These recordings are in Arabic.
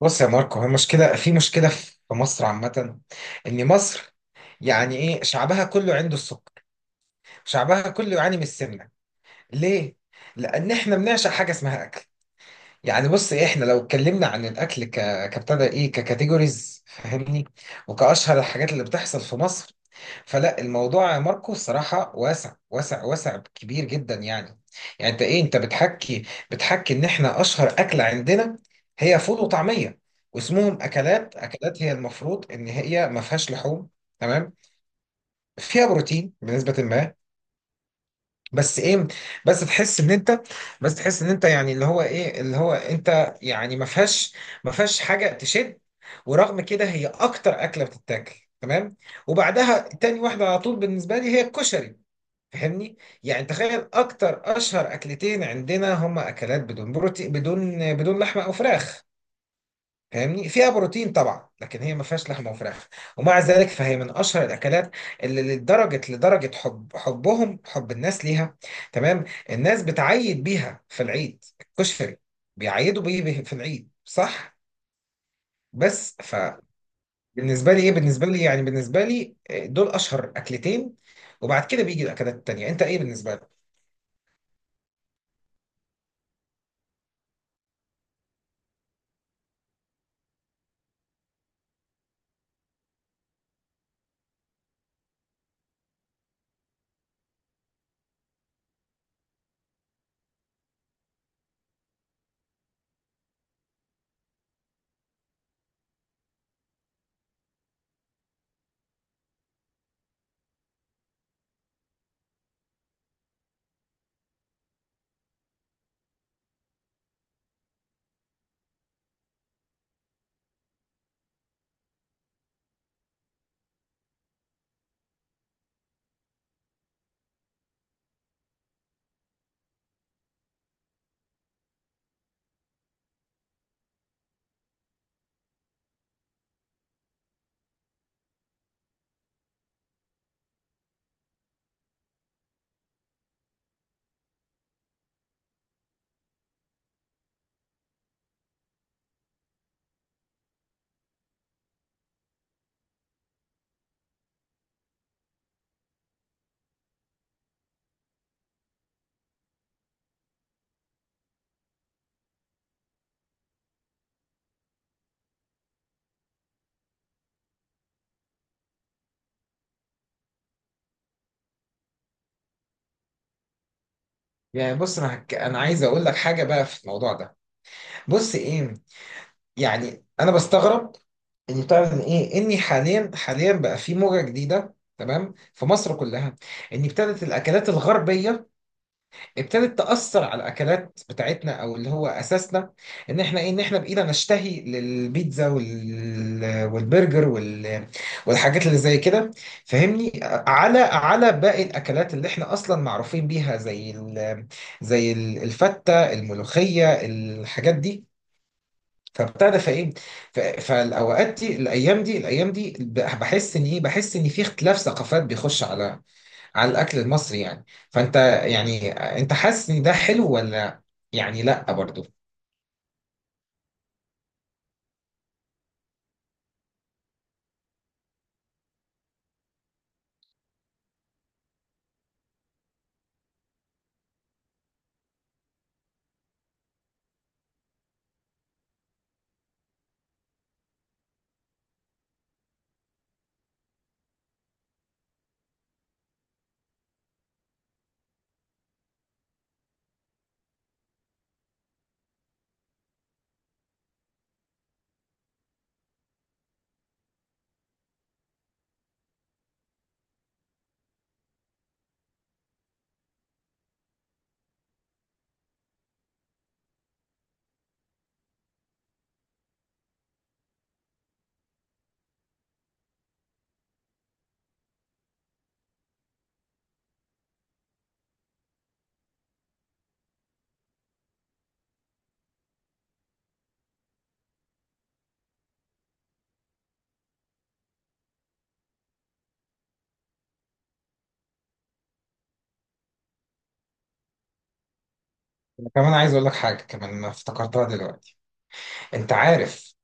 بص يا ماركو، هي مشكلة في مصر عامة. إن مصر، يعني إيه، شعبها كله عنده السكر، شعبها كله يعاني من السمنة. ليه؟ لأن إحنا بنعشق حاجة اسمها أكل. يعني بص إيه، إحنا لو اتكلمنا عن الأكل ك كابتدى إيه ككاتيجوريز، فاهمني، وكأشهر الحاجات اللي بتحصل في مصر. فلا الموضوع يا ماركو الصراحة واسع واسع واسع، كبير جدا يعني. يعني انت بتحكي ان احنا اشهر اكلة عندنا هي فول وطعمية، واسمهم اكلات هي المفروض ان هي ما فيهاش لحوم، تمام، فيها بروتين بنسبة ما. بس ايه، بس تحس ان انت بس تحس ان انت يعني اللي هو ايه، اللي هو انت يعني ما فيهاش حاجة تشد. ورغم كده هي اكتر اكلة بتتاكل، تمام. وبعدها تاني واحدة على طول بالنسبة لي هي الكشري، فاهمني. يعني تخيل اكتر اشهر اكلتين عندنا هما اكلات بدون بروتين، بدون لحمه او فراخ. فاهمني، فيها بروتين طبعا، لكن هي ما فيهاش لحمه وفراخ. ومع ذلك فهي من اشهر الاكلات، اللي لدرجه حب الناس ليها. تمام. الناس بتعيد بيها في العيد، الكشري بيعيدوا بيه في العيد، صح. بس فبالنسبه لي ايه بالنسبه لي يعني بالنسبه لي، دول اشهر اكلتين. وبعد كده بيجي الاكلات التانيه. انت ايه بالنسبه؟ يعني بص، انا عايز اقول لك حاجه بقى في الموضوع ده. بص ايه، يعني انا بستغرب ان بتاع ان ايه اني حاليا بقى في موجه جديده، تمام، في مصر كلها. ان ابتدت الاكلات الغربيه ابتدت تأثر على الأكلات بتاعتنا أو اللي هو أساسنا. إن إحنا بإيدنا نشتهي للبيتزا والبرجر والحاجات اللي زي كده، فاهمني، على باقي الأكلات اللي إحنا أصلا معروفين بيها، زي الفتة، الملوخية، الحاجات دي. فابتدى فايه فالاوقات دي، الايام دي بحس ان في اختلاف ثقافات بيخش على الاكل المصري يعني. يعني انت حاسس ان ده حلو ولا؟ يعني لا، برضو. أنا كمان عايز اقول لك حاجه كمان ما افتكرتها دلوقتي. انت عارف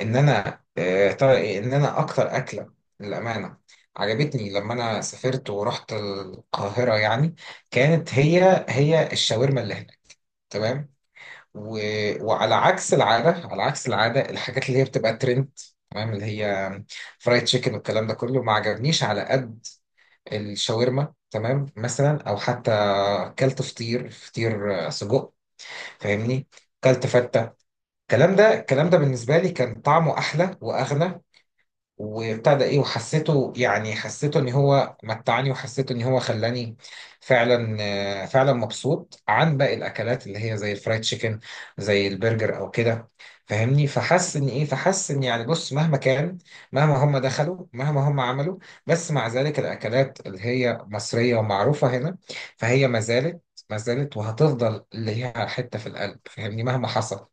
ان انا آه، طا- ان انا اكتر اكله للامانه عجبتني لما انا سافرت ورحت القاهره يعني، كانت هي الشاورما اللي هناك، تمام. و... وعلى عكس العاده الحاجات اللي هي بتبقى ترند، تمام، اللي هي فرايد تشيكن والكلام ده كله ما عجبنيش على قد الشاورما، تمام. مثلا، او حتى كلت فطير، سجق، فاهمني. كلت فته. الكلام ده بالنسبه لي كان طعمه احلى واغنى، وابتدى ايه وحسيته يعني حسيته ان هو متعني، وحسيته ان هو خلاني فعلا، فعلا مبسوط عن باقي الاكلات اللي هي زي الفرايد تشيكن، زي البرجر او كده، فاهمني. فحس ان يعني بص، مهما كان، مهما هم دخلوا، مهما هم عملوا، بس مع ذلك الاكلات اللي هي مصرية ومعروفة هنا فهي ما زالت، ما زالت وهتفضل ليها حتة في القلب، فاهمني، مهما حصل.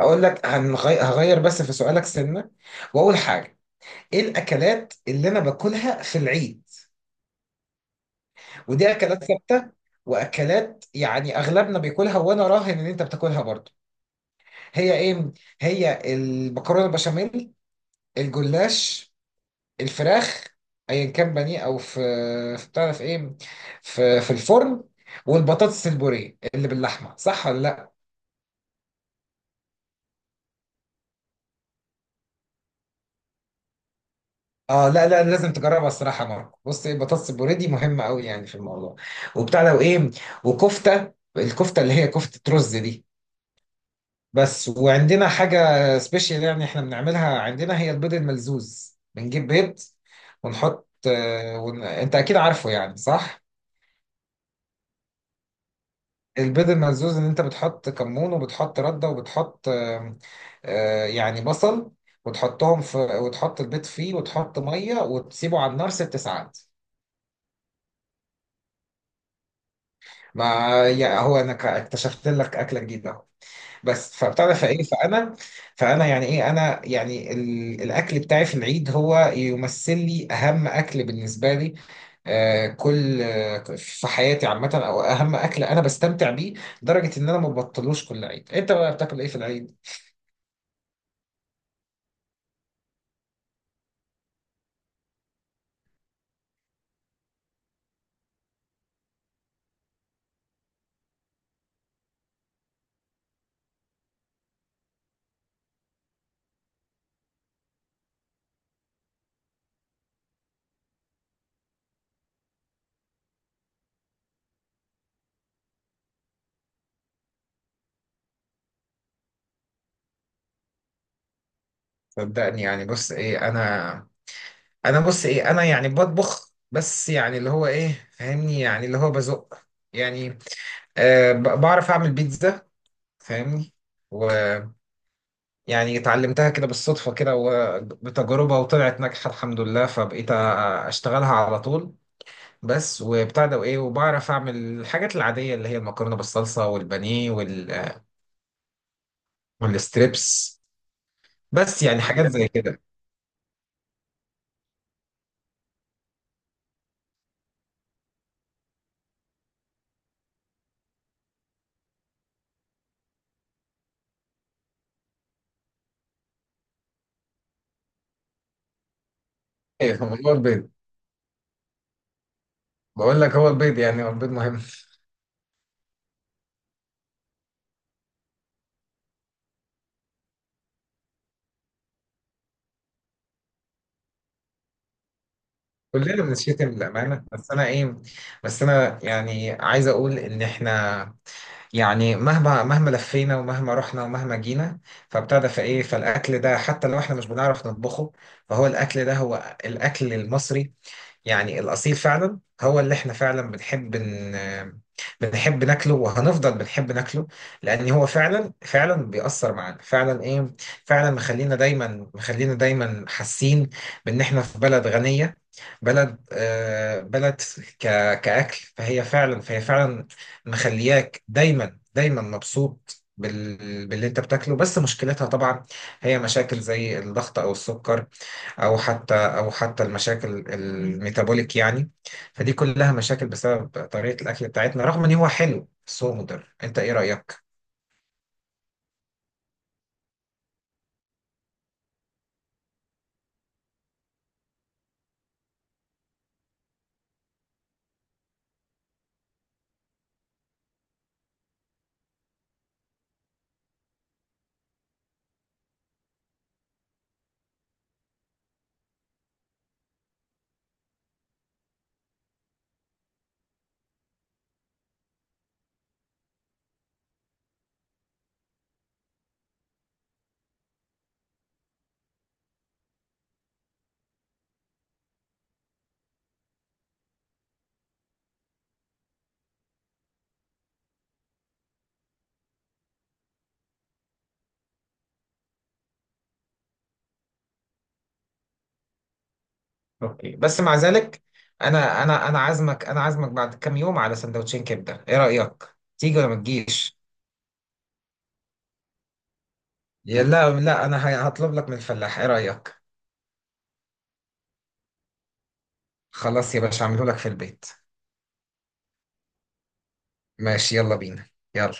اقول لك، هغير بس في سؤالك سنة. واول حاجة، ايه الاكلات اللي انا باكلها في العيد؟ ودي اكلات ثابته، واكلات يعني اغلبنا بياكلها، وانا راهن ان انت بتاكلها برضو. هي ايه؟ هي المكرونه البشاميل، الجلاش، الفراخ، ايا كان بانيه او في... في، بتعرف ايه، في الفرن، والبطاطس البوريه اللي باللحمه، صح ولا لا؟ اه، لا لا، لازم تجربها الصراحه يا ماركو. بص ايه، البطاطس البوريه دي مهمه قوي يعني في الموضوع، وبتاع لو ايه. الكفته اللي هي كفته رز دي، بس. وعندنا حاجة سبيشال يعني احنا بنعملها عندنا، هي البيض الملزوز. بنجيب بيض ونحط انت اكيد عارفه يعني، صح؟ البيض الملزوز ان انت بتحط كمون، وبتحط ردة، وبتحط يعني بصل، وتحطهم وتحط البيض فيه، وتحط مية، وتسيبه على النار 6 ساعات. ما يعني هو انا اكتشفت لك اكلة جديدة، بس. فبتعرف فايه فانا فانا يعني ايه انا يعني الاكل بتاعي في العيد هو يمثل لي اهم اكل بالنسبه لي. كل، في حياتي عامه، او اهم اكل انا بستمتع بيه، لدرجه ان انا ما ببطلوش. كل عيد، انت بقى بتاكل ايه في العيد؟ صدقني يعني. بص ايه، انا يعني بطبخ، بس يعني اللي هو ايه، فاهمني، يعني اللي هو بزق يعني، بعرف اعمل بيتزا، فاهمني. يعني اتعلمتها كده بالصدفة، كده وبتجربة، وطلعت ناجحة الحمد لله، فبقيت أشتغلها على طول بس. وبتاع ده وإيه، وبعرف أعمل الحاجات العادية اللي هي المكرونة بالصلصة والبانيه والستريبس، بس يعني حاجات زي كده. إيه هو البيض؟ بقول لك هو البيض يعني، هو البيض مهم. كلنا بنشتم للأمانة، بس أنا إيه، بس أنا يعني عايز أقول إن إحنا، يعني مهما لفينا ومهما رحنا ومهما جينا، فابتدى فايه فالاكل ده، حتى لو احنا مش بنعرف نطبخه، فهو الاكل ده هو الاكل المصري، يعني الأصيل، فعلا هو اللي احنا فعلا بنحب بنحب ناكله وهنفضل بنحب ناكله. لأن هو فعلا فعلا بيأثر معانا فعلا، فعلا مخلينا دايما، مخلينا دايما حاسين بإن احنا في بلد غنية، بلد ك... كأكل، فهي فعلا، فهي فعلا مخلياك دايما دايما مبسوط باللي انت بتاكله. بس مشكلتها طبعا هي مشاكل زي الضغط او السكر، او حتى المشاكل الميتابوليك يعني. فدي كلها مشاكل بسبب طريقه الاكل بتاعتنا، رغم ان هو حلو بس هو مضر. انت ايه رايك؟ اوكي، بس مع ذلك، انا عازمك بعد كام يوم على سندوتشين كبده، ايه رايك؟ تيجي ولا ما تجيش؟ يا لا لا، انا هطلب لك من الفلاح، ايه رايك؟ خلاص يا باشا، اعمله لك في البيت. ماشي، يلا بينا، يلا.